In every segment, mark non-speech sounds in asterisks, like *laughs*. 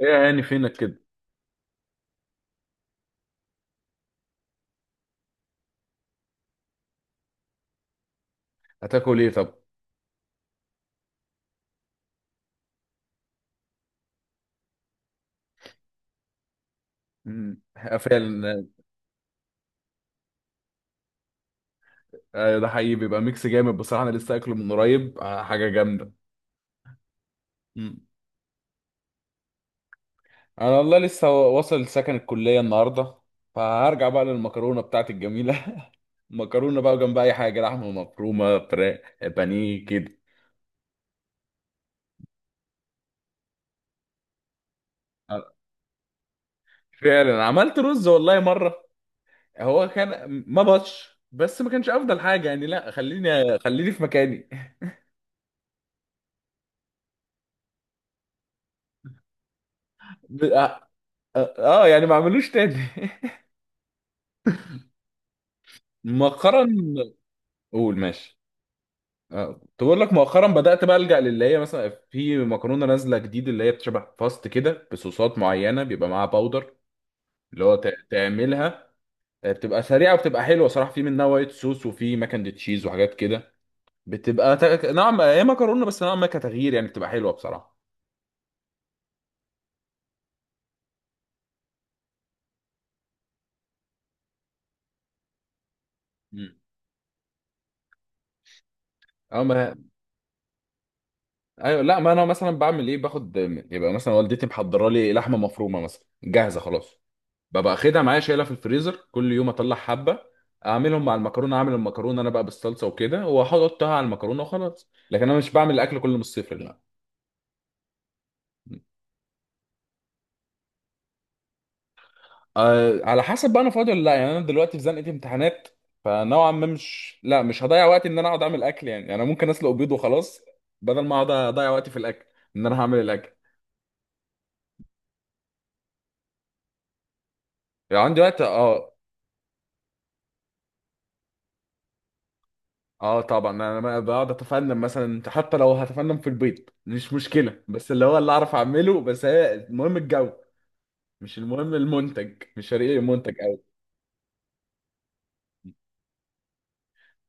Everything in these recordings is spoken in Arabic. ايه يا عيني، فينك كده؟ هتاكل ايه طب؟ مم. فعلا. ده حقيقي بيبقى ميكس جامد بصراحه، انا لسه اكله من قريب، حاجه جامده. مم. انا والله لسه واصل سكن الكليه النهارده، فهرجع بقى للمكرونه بتاعتي الجميله. *laughs* مكرونه بقى جنب اي حاجه، لحمه مفرومه، فراخ، بانيه كده. آه، فعلا عملت رز والله مره. هو كان ما بطش، بس ما كانش افضل حاجه يعني. لا، خليني خليني في مكاني. *laughs* اه. آه، آه، يعني ما اعملوش تاني. *laughs* مؤخرا. قول، ماشي. اه، تقول لك مؤخرا بدأت بقى ألجأ للي هي مثلا في مكرونة نازلة جديد، اللي هي بتشبه باستا كده بصوصات معينة بيبقى معاها باودر. اللي هو تعملها. بتبقى سريعة وبتبقى حلوة صراحة. في منها وايت صوص وفي ماكن تشيز وحاجات كده. بتبقى نوعا ما هي مكرونة، بس نوعا ما كتغيير يعني، بتبقى حلوة بصراحة. مم. اه، ما. ايوه، لا، ما انا مثلا بعمل ايه، باخد. يبقى مثلا والدتي محضره لي لحمه مفرومه مثلا، جاهزه خلاص. ببقى واخدها معايا، شايلها في الفريزر، كل يوم اطلع حبه. اعملهم مع المكرونه، اعمل المكرونه انا بقى بالصلصه وكده، واحطها على المكرونه وخلاص. لكن انا مش بعمل الاكل كله من الصفر، لا. أه، على حسب بقى انا فاضي ولا لا، يعني انا دلوقتي في زنقه امتحانات. فنوعا ما مش لا، مش هضيع وقت ان انا اقعد اعمل اكل يعني انا ممكن اسلق بيض وخلاص. بدل ما اقعد اضيع وقتي في الاكل. ان انا هعمل الاكل. لو عندي وقت، اه. اه، طبعا انا بقى بقعد اتفنن مثلا، حتى لو هتفنن في البيض مش مشكله، بس اللي هو اللي اعرف اعمله. بس هي المهم الجو. مش المهم المنتج، مش فارق لي المنتج قوي.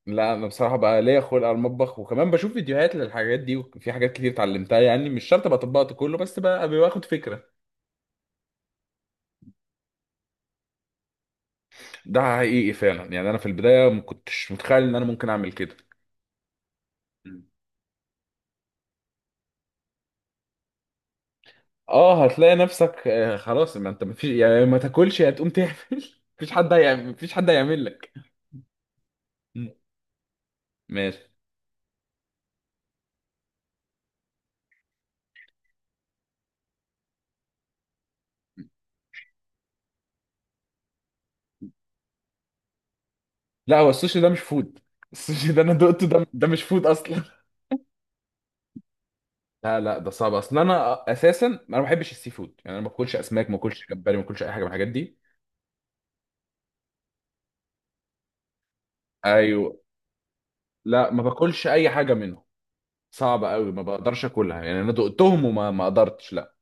لا، انا بصراحه بقى ليا خلق على المطبخ، وكمان بشوف فيديوهات للحاجات دي، وفي حاجات كتير اتعلمتها، يعني مش شرط ابقى طبقت كله، بس بقى باخد فكره. ده حقيقي فعلا، يعني انا في البدايه ما كنتش متخيل ان انا ممكن اعمل كده. مم. اه، هتلاقي نفسك، خلاص ما انت مفيش يعني، ما تاكلش يا تقوم تعمل. *laughs* مفيش حد هيعمل لك. مم. ماشي. لا، هو السوشي ده مش فود. السوشي ده انا دقته، ده مش فود اصلا. لا، لا، ده صعب. اصل انا اساسا ما بحبش السي فود، يعني انا ما باكلش اسماك، ما باكلش جمبري، ما باكلش اي حاجه من الحاجات دي. ايوه، لا، ما باكلش اي حاجه منهم. صعب قوي، ما بقدرش اكلها يعني، انا دقتهم وما ما قدرتش، لا.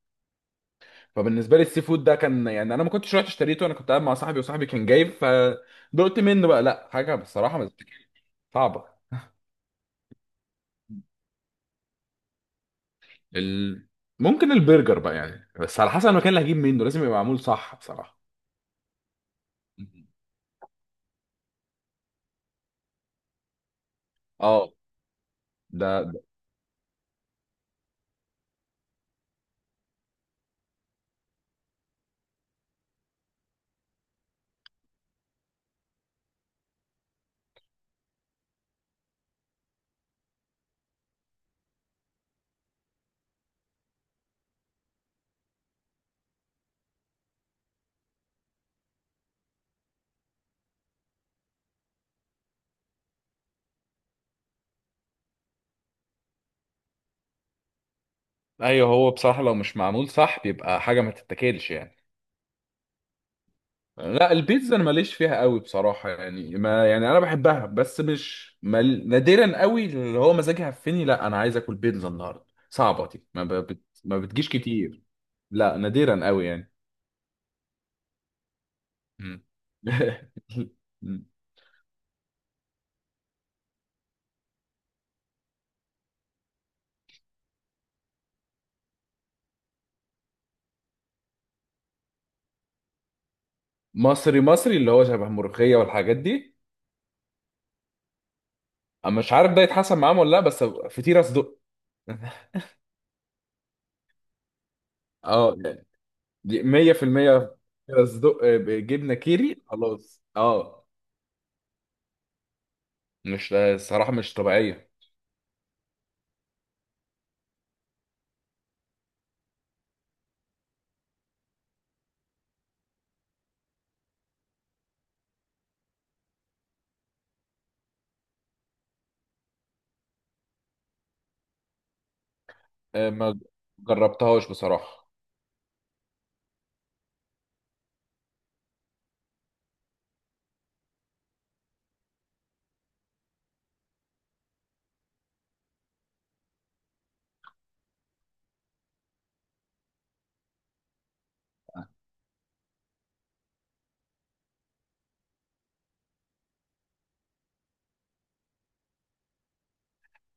فبالنسبه لي السي فود ده كان، يعني انا ما كنتش رحت اشتريته، انا كنت قاعد مع صاحبي وصاحبي كان جايب، فدقت منه بقى. لا، حاجه بصراحه ما تتاكلش، صعبه. ال... ممكن البرجر بقى يعني، بس على حسب المكان اللي هجيب منه، لازم يبقى معمول صح بصراحه. اه، ده. ايوه، هو بصراحه لو مش معمول صح بيبقى حاجه ما تتاكلش يعني. لا، البيتزا انا ماليش فيها قوي بصراحه، يعني ما يعني انا بحبها، بس مش مال، نادرا قوي اللي هو مزاجي هفني لا انا عايز اكل بيتزا النهارده، صعبه دي، ما ب... بت... ما بتجيش كتير. لا، نادرا قوي يعني. مم. *laughs* مصري مصري، اللي هو شبه ملوخيه والحاجات دي. أنا مش عارف ده يتحسن معاهم ولا لا، بس فطيره صدق. *laughs* اه، دي 100%. فطيره صدق بجبنه كيري خلاص، اه. مش الصراحة مش طبيعية. آه، ما جربتهاش بصراحة.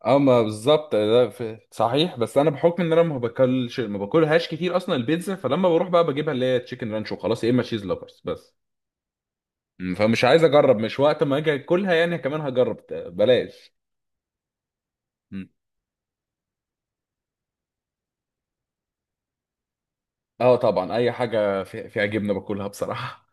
اه، ما بالظبط ده صحيح، بس انا بحكم ان انا ما باكلهاش كتير اصلا البيتزا، فلما بروح بقى بجيبها اللي هي تشيكن رانش وخلاص، يا اما تشيز لوفرز بس. فمش عايز اجرب، مش وقت ما اجي اكلها يعني كمان هجرب بلاش. م. اه، طبعا اي حاجة فيها جبنة باكلها بصراحة.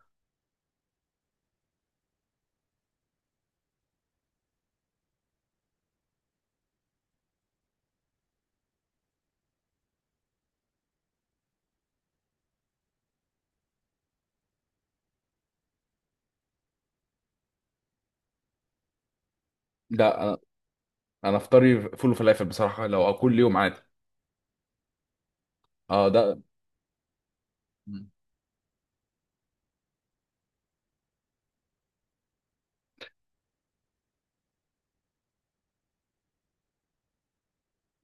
لا، انا افطاري فول وفلافل بصراحة، لو اكل يوم عادي. اه، ده. م.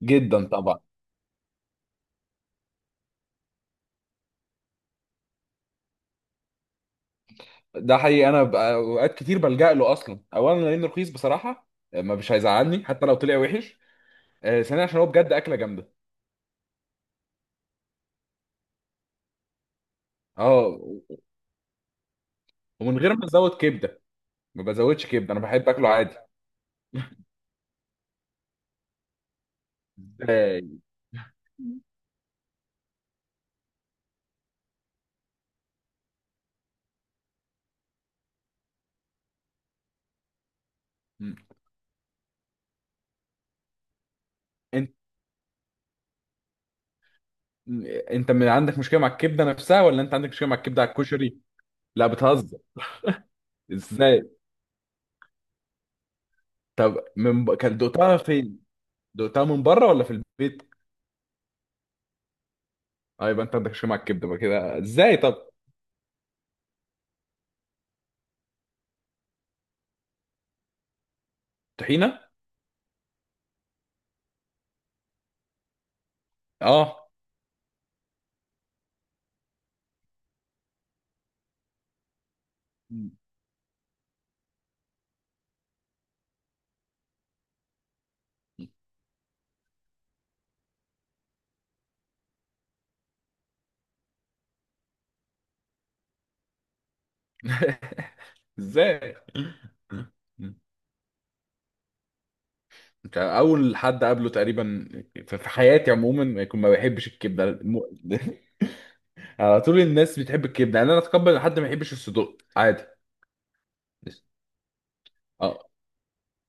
جدا طبعا. ده حقيقي. انا اوقات كتير بلجأ له اصلا، اولا لانه رخيص بصراحه. ما مش هيزعلني حتى لو طلع وحش. ثانيا عشان هو بجد اكله جامده. اه، ومن غير ما ازود كبده. ما بزودش كبده، انا بحب اكله عادي. ازاي؟ م. انت م- انت من عندك مشكله مع الكبده نفسها، ولا انت عندك مشكله مع الكبده على الكشري؟ لا، بتهزر. ازاي؟ طب كان دقتها فين؟ دقتها من بره ولا في البيت؟ اه، يبقى انت عندك مشكله مع الكبده بقى كده، ازاي طب؟ طحينه. اه، *laughs* ازاي؟ كان اول حد قابله تقريبا في حياتي عموما يكون ما بيحبش الكبده *laughs* على طول الناس بتحب الكبده، يعني انا اتقبل إن حد ما يحبش الصدوق، عادي. اه،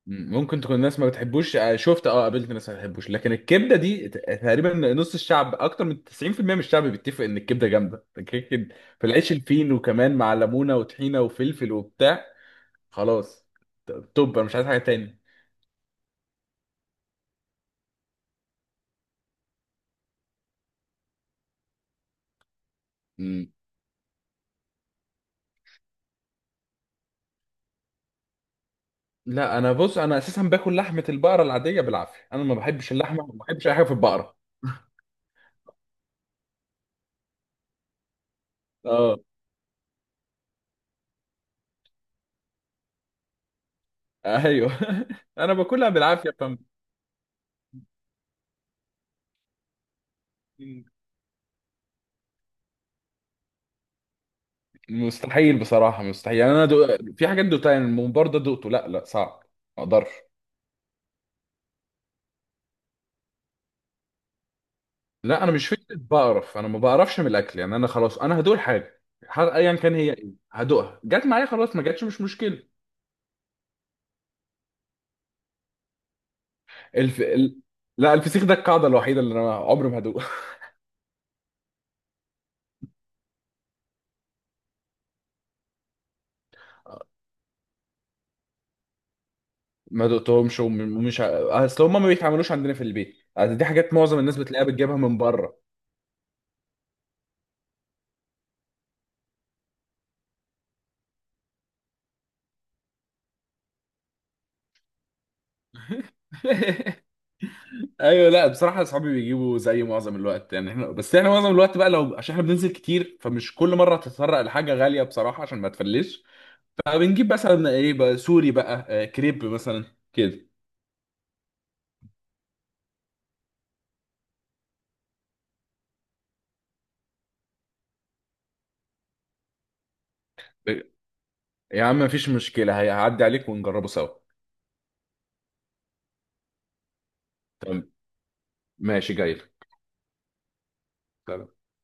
ممكن تكون الناس ما بتحبوش، شفت اه، قابلت ناس ما بتحبوش، لكن الكبده دي تقريبا نص الشعب، اكتر من 90% من الشعب بيتفق ان الكبده جامده كده كده. في العيش الفين، وكمان مع ليمونه وطحينه وفلفل وبتاع. خلاص. توب، انا مش عايز حاجه تاني. لا، انا بص، انا اساسا باكل لحمه البقره العاديه بالعافيه، انا ما بحبش اللحمه وما بحبش اي حاجه في البقره. اه. ايوه، *laughs* انا باكلها بالعافيه مستحيل بصراحه، مستحيل يعني، انا في حاجات دوقتها، يعني الممبار ده دوقته، لا، لا، صعب. ما اقدرش. لا، انا مش فكره بقرف، انا ما بقرفش من الاكل يعني، انا خلاص، انا هدوق الحاجه، ايا كان هي ايه هدوقها، جت معايا خلاص، ما جاتش مش مشكله. الف... ال... لا، الفسيخ ده القاعده الوحيده اللي انا عمري ما هدوق. ما دقتهمش ومش اصل هم ما بيتعملوش عندنا في البيت، أصل دي حاجات معظم الناس بتلاقيها بتجيبها من بره. *laughs* ايوه، لا، بصراحه اصحابي بيجيبوا زي معظم الوقت يعني، احنا بس احنا معظم الوقت بقى لو عشان احنا بننزل كتير، فمش كل مره تتطرق لحاجه غاليه بصراحه عشان ما تفلش. فبنجيب مثلا ايه بقى، سوري بقى كريب مثلا. كده. يا عم، مفيش مشكله، هيعدي عليك ونجربه سوا. تمام. ماشي، جاي.